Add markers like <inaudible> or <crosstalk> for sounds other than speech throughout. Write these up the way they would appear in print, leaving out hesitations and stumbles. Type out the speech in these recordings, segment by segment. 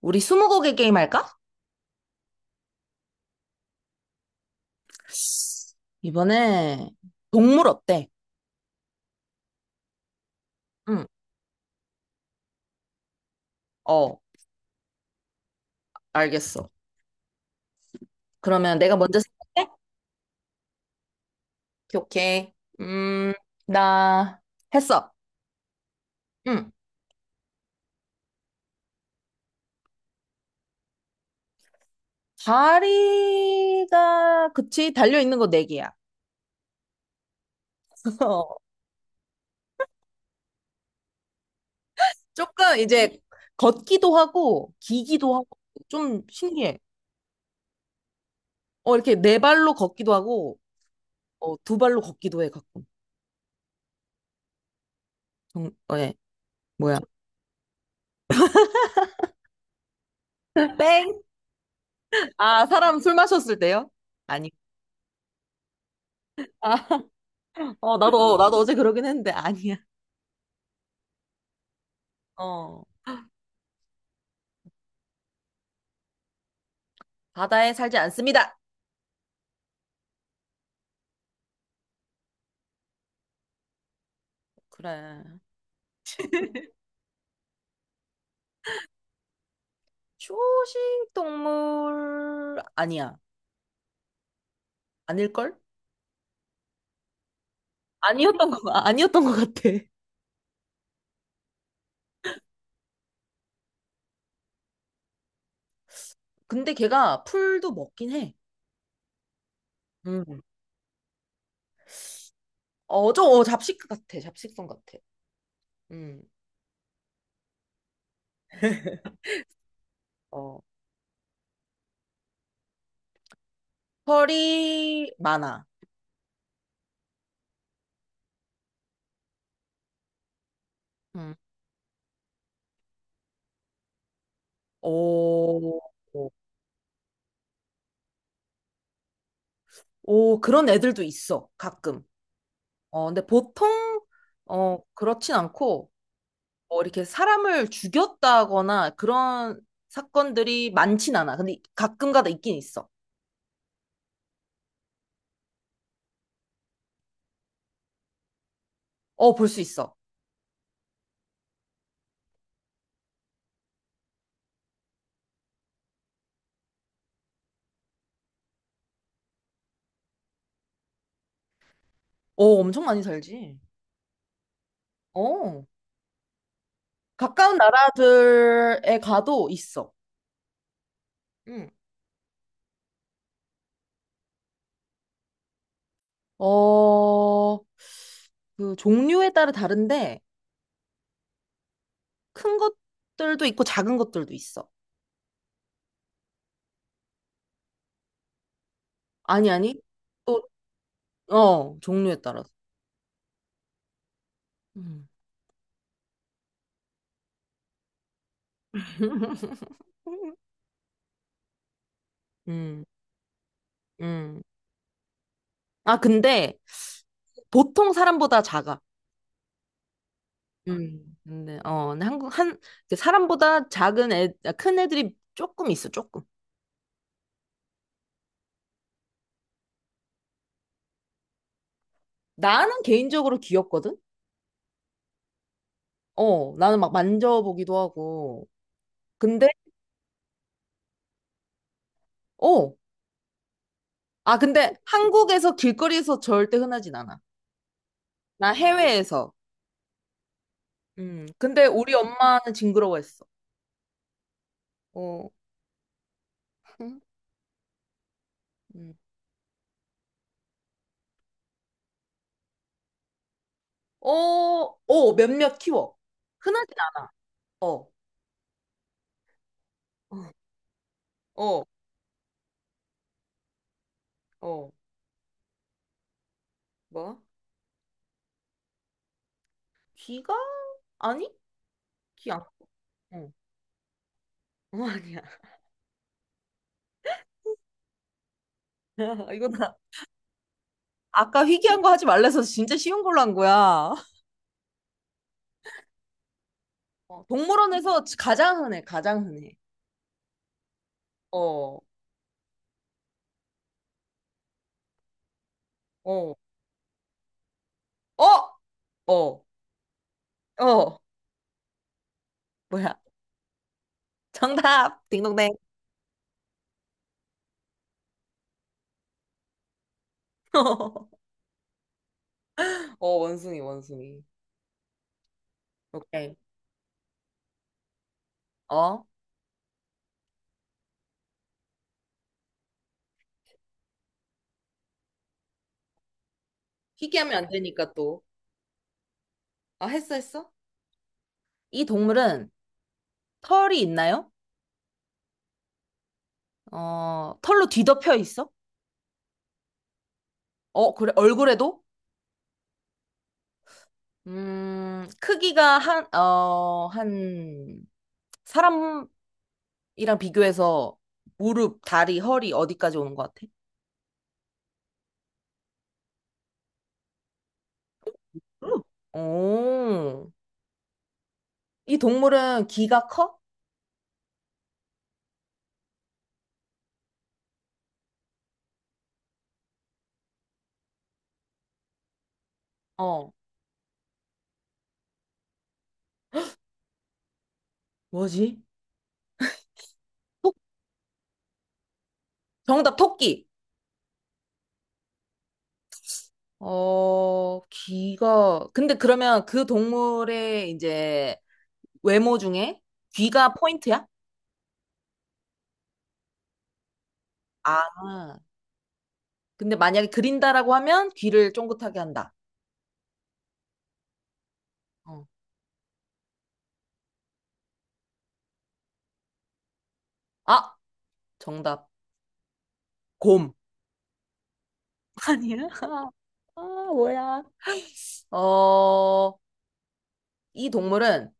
우리 스무고개 게임 할까? 이번에 동물 어때? 응. 어, 알겠어. 그러면 내가 먼저 생각해? 오케이. 오케이. 음, 나 했어. 응. 다리가 그치 달려 있는 거 네 개야. <laughs> 어, 조금 이제 걷기도 하고 기기도 하고 좀 신기해. 이렇게 네 발로 걷기도 하고 두 발로 걷기도 해 가끔. 예. 뭐야? 땡? 아, 사람 술 마셨을 때요? 아니. 아, 나도, 어제 그러긴 했는데, 아니야. 어, 바다에 살지 않습니다. 그래. 초식 동물 아니야. 아닐걸? 아니었던 것 같아. 근데 걔가 풀도 먹긴 해. 음. 잡식 같아. 잡식성 같아. 음. <laughs> 어. 털이 많아. 음. 오, 오, 그런 애들도 있어. 가끔. 근데 보통, 그렇진 않고, 뭐 이렇게 사람을 죽였다거나 그런 사건들이 많진 않아. 근데 가끔가다 있긴 있어. 어, 볼 수 있어. 어, 엄청 많이 살지. 어, 가까운 나라들에 가도 있어. 응. 어, 그 종류에 따라 다른데 큰 것들도 있고 작은 것들도 있어. 아니, 아니. 또, 종류에 따라서. 음. <laughs> 음, 음. 아, 근데 보통 사람보다 작아. 근데 한국, 그 사람보다 큰 애들이 조금 있어, 조금. 나는 개인적으로 귀엽거든? 나는 막 만져보기도 하고. 근데, 어, 근데 한국에서 길거리에서 절대 흔하진 않아. 나 해외에서. 근데 우리 엄마는 징그러워했어. 어, 응? 음. 어, 어, 몇몇 키워. 흔하진 않아. 어, 어, 뭐? 귀가? 아니? 귀 안, 어, 어, 아니야. <laughs> 이건 아까 희귀한 거 하지 말래서 진짜 쉬운 걸로 한 거야. 동물원에서 가장 흔해, 가장 흔해. 어, 어, 어, 어, 어, 뭐야. 정답! 딩동댕. <laughs> 어, 원숭이, 원숭이. 오케이. 어? 희귀하면 안 되니까 또. 아, 했어, 했어? 이 동물은 털이 있나요? 털로 뒤덮여 있어? 어, 그래, 얼굴에도? 크기가 한 사람 이랑 비교해서 무릎, 다리, 허리 어디까지 오는 것 같아? 응. 오, 이 동물은 귀가 커? 어, 뭐지? 토, 정답, 토끼. 근데 그러면 그 동물의 이제 외모 중에 귀가 포인트야? 아, 근데 만약에 그린다라고 하면 귀를 쫑긋하게 한다. 어. 아, 정답, 곰. <laughs> 아니야? 아, 뭐야? 어, 이 동물은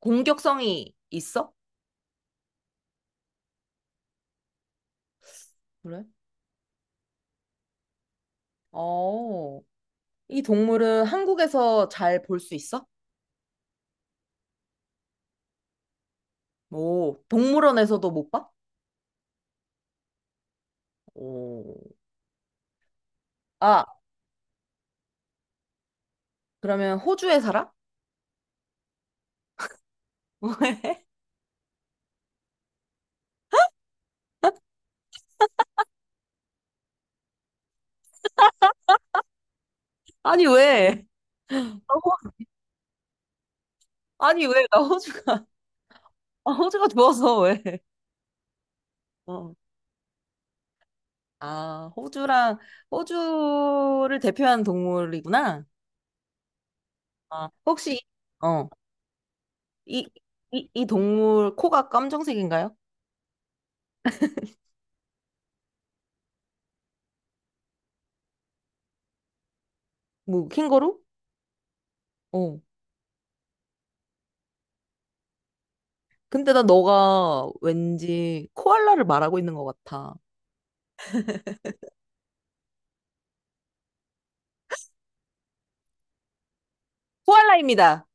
공격성이 있어? 그래? 어, 이 동물은 한국에서 잘 볼 수 있어? 오, 동물원에서도 못 봐? 오. 아, 그러면 호주에 살아? <laughs> 왜? 아니, 왜? 어, 호- 아니, 왜? 나 호주가, <laughs> 아, 호주가 좋아서 왜? 어. 아, 호주를 대표하는 동물이구나. 아, 혹시, 어, 이, 이 동물 코가 검정색인가요? 뭐, 캥거루? 어. 근데 나 너가 왠지 코알라를 말하고 있는 것 같아. 코알라입니다.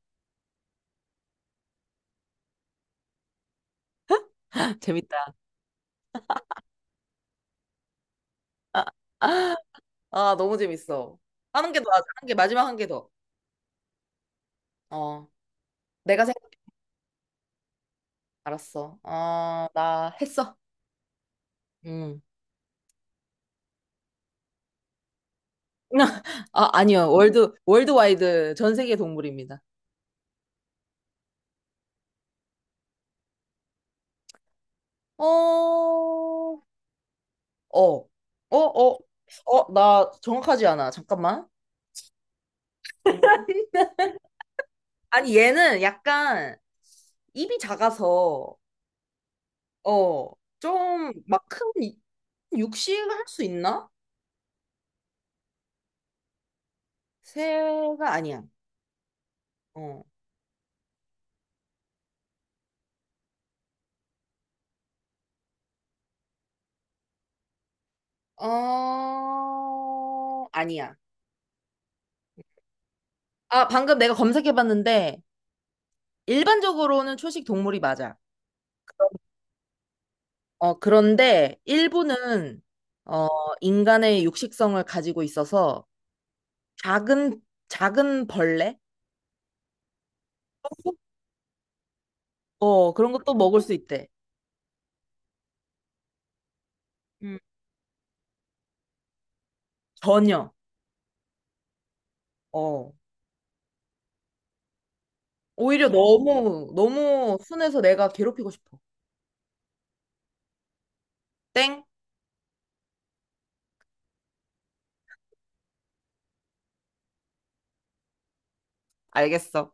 <laughs> 재밌다. 아, 너무 재밌어. 하는 게 더, 하자. 하는 게 마지막 한 개 더. 어, 내가 생각 알았어. 나 했어. 음. <laughs> 아, 아니요. 월드와이드 전 세계 동물입니다. 어, 어, 어, 어, 나 정확하지 않아. 잠깐만. 아니, 얘는 약간 입이 작아서, 어, 좀 막 큰 육식을 할 수 있나? 새가 아니야. 어. 어, 아니야. 아, 방금 내가 검색해봤는데, 일반적으로는 초식 동물이 맞아. 그런데 일부는, 어, 인간의 육식성을 가지고 있어서, 작은, 작은 벌레? 그런 것도 먹을 수 있대. 음. 전혀. 어. 오히려 너무, 너무 순해서 내가 괴롭히고 싶어. 땡? 알겠어.